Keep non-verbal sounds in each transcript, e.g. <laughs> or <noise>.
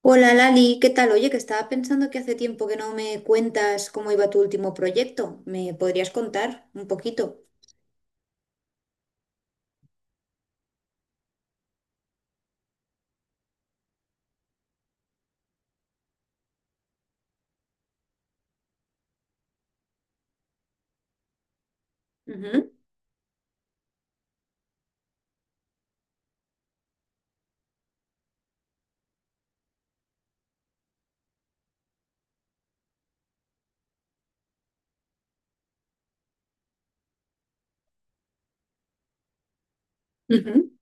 Hola Lali, ¿qué tal? Oye, que estaba pensando que hace tiempo que no me cuentas cómo iba tu último proyecto. ¿Me podrías contar un poquito? Ujú, ujú.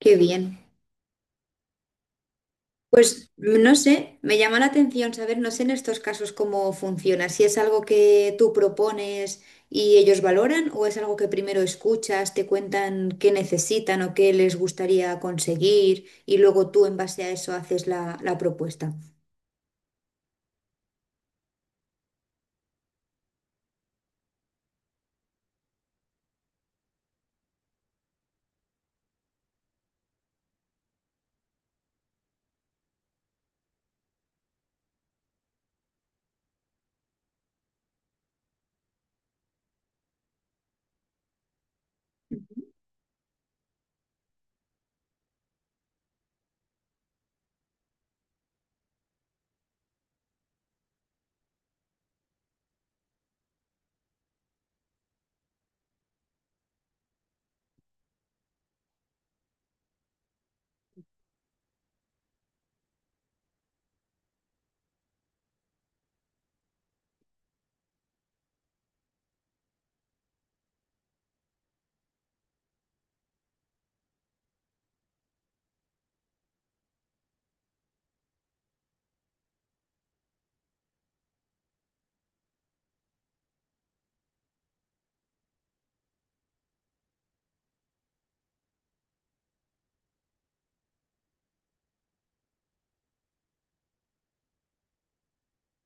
Qué bien. Pues no sé, me llama la atención saber, no sé en estos casos cómo funciona, si es algo que tú propones y ellos valoran o es algo que primero escuchas, te cuentan qué necesitan o qué les gustaría conseguir y luego tú en base a eso haces la propuesta.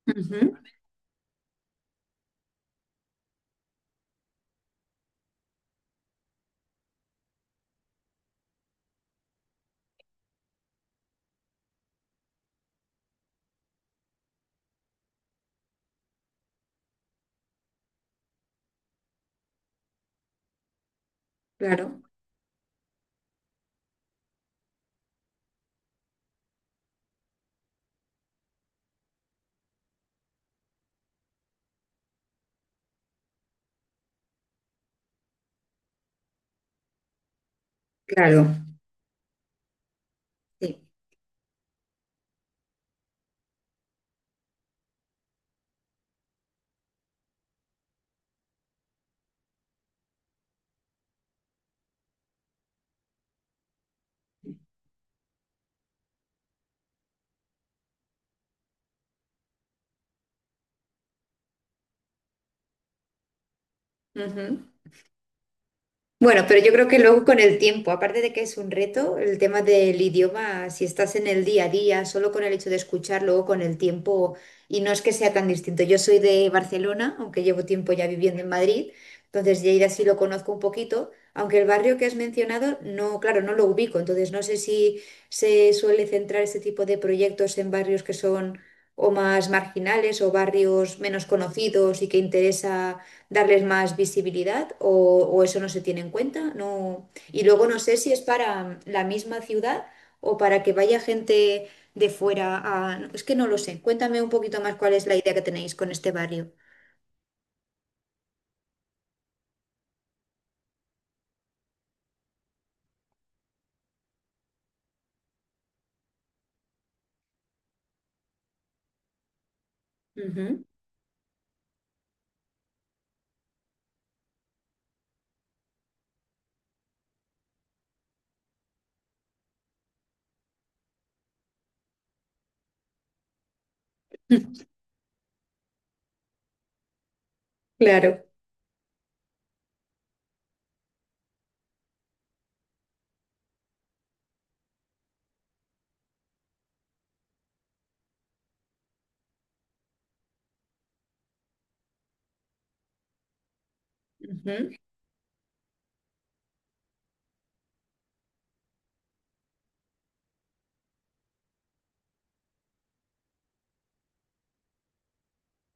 Ujú, claro, claro. Sí. Ujú. Bueno, pero yo creo que luego con el tiempo, aparte de que es un reto, el tema del idioma, si estás en el día a día, solo con el hecho de escuchar, luego con el tiempo, y no es que sea tan distinto. Yo soy de Barcelona, aunque llevo tiempo ya viviendo en Madrid, entonces Lleida sí lo conozco un poquito, aunque el barrio que has mencionado, no, claro, no lo ubico, entonces no sé si se suele centrar este tipo de proyectos en barrios que son o más marginales o barrios menos conocidos y que interesa darles más visibilidad o eso no se tiene en cuenta. No. Y luego no sé si es para la misma ciudad o para que vaya gente de fuera a... Es que no lo sé. Cuéntame un poquito más cuál es la idea que tenéis con este barrio. Ujú. <laughs> Claro. Ujú.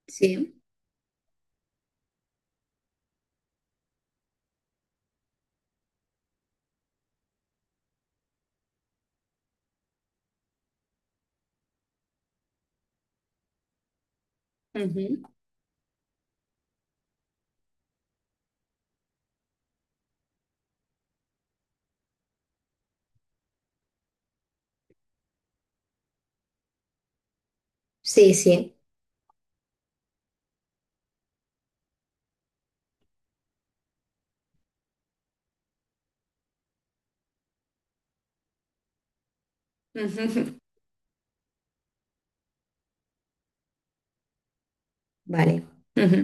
Sí. Ujú. Sí, sí. <laughs> Ujú. Vale. Ujú.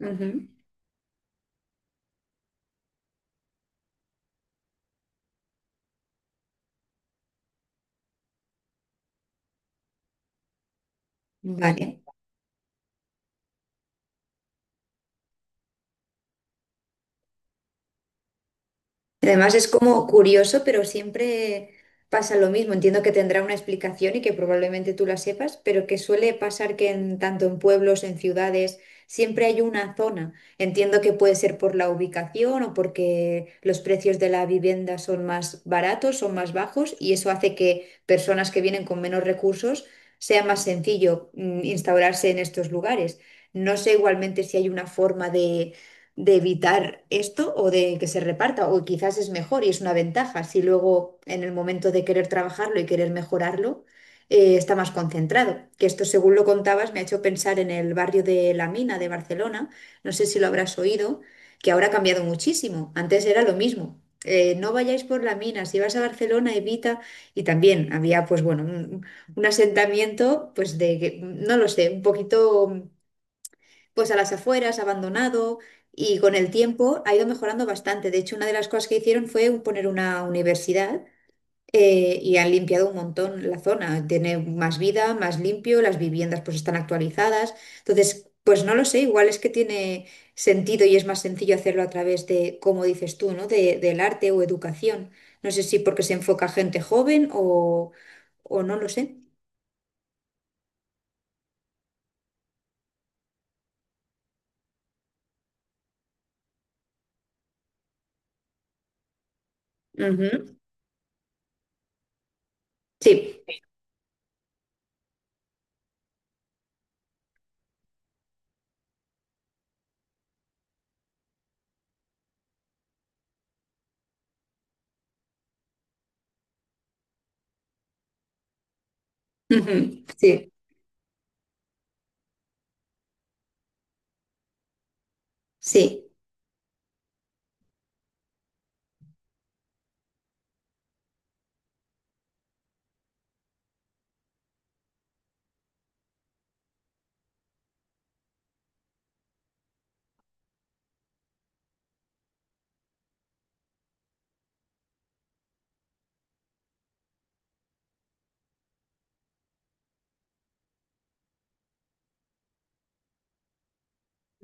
Ujú. Vale. Y además es como curioso, pero siempre pasa lo mismo. Entiendo que tendrá una explicación y que probablemente tú la sepas, pero que suele pasar que en, tanto en pueblos, en ciudades, siempre hay una zona. Entiendo que puede ser por la ubicación o porque los precios de la vivienda son más baratos, son más bajos y eso hace que personas que vienen con menos recursos sea más sencillo instaurarse en estos lugares. No sé igualmente si hay una forma de evitar esto o de que se reparta, o quizás es mejor y es una ventaja si luego en el momento de querer trabajarlo y querer mejorarlo, está más concentrado. Que esto, según lo contabas, me ha hecho pensar en el barrio de La Mina de Barcelona, no sé si lo habrás oído, que ahora ha cambiado muchísimo, antes era lo mismo. No vayáis por la mina, si vas a Barcelona evita, y también había pues bueno un asentamiento pues de que no lo sé, un poquito pues a las afueras, abandonado, y con el tiempo ha ido mejorando bastante. De hecho, una de las cosas que hicieron fue poner una universidad, y han limpiado un montón la zona. Tiene más vida, más limpio, las viviendas pues están actualizadas. Entonces, pues no lo sé, igual es que tiene sentido y es más sencillo hacerlo a través de, como dices tú, ¿no? De, del arte o educación. No sé si porque se enfoca a gente joven o no lo sé. Ujú. Sí, ujú. Sí, sí.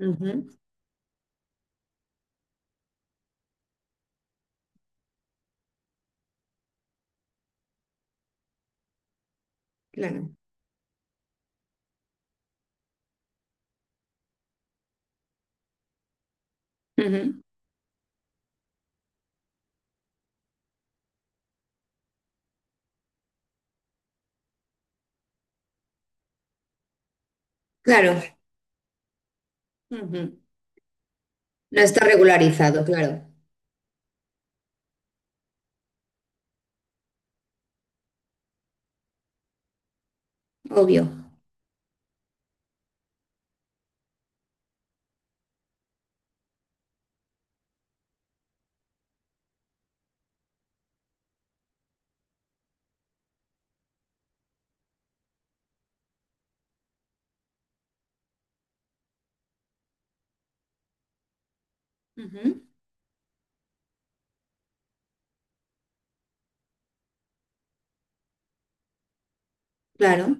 Ujú. Claro. Ujú, claro, ujú. No está regularizado, claro, obvio, ujú, claro,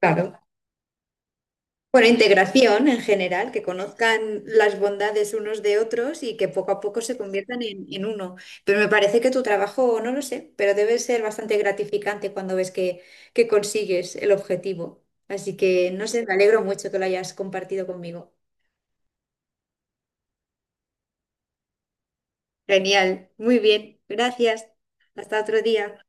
claro. Bueno, integración en general, que conozcan las bondades unos de otros y que poco a poco se conviertan en uno. Pero me parece que tu trabajo, no lo sé, pero debe ser bastante gratificante cuando ves que consigues el objetivo. Así que, no sé, me alegro mucho que lo hayas compartido conmigo. Genial, muy bien, gracias. Hasta otro día.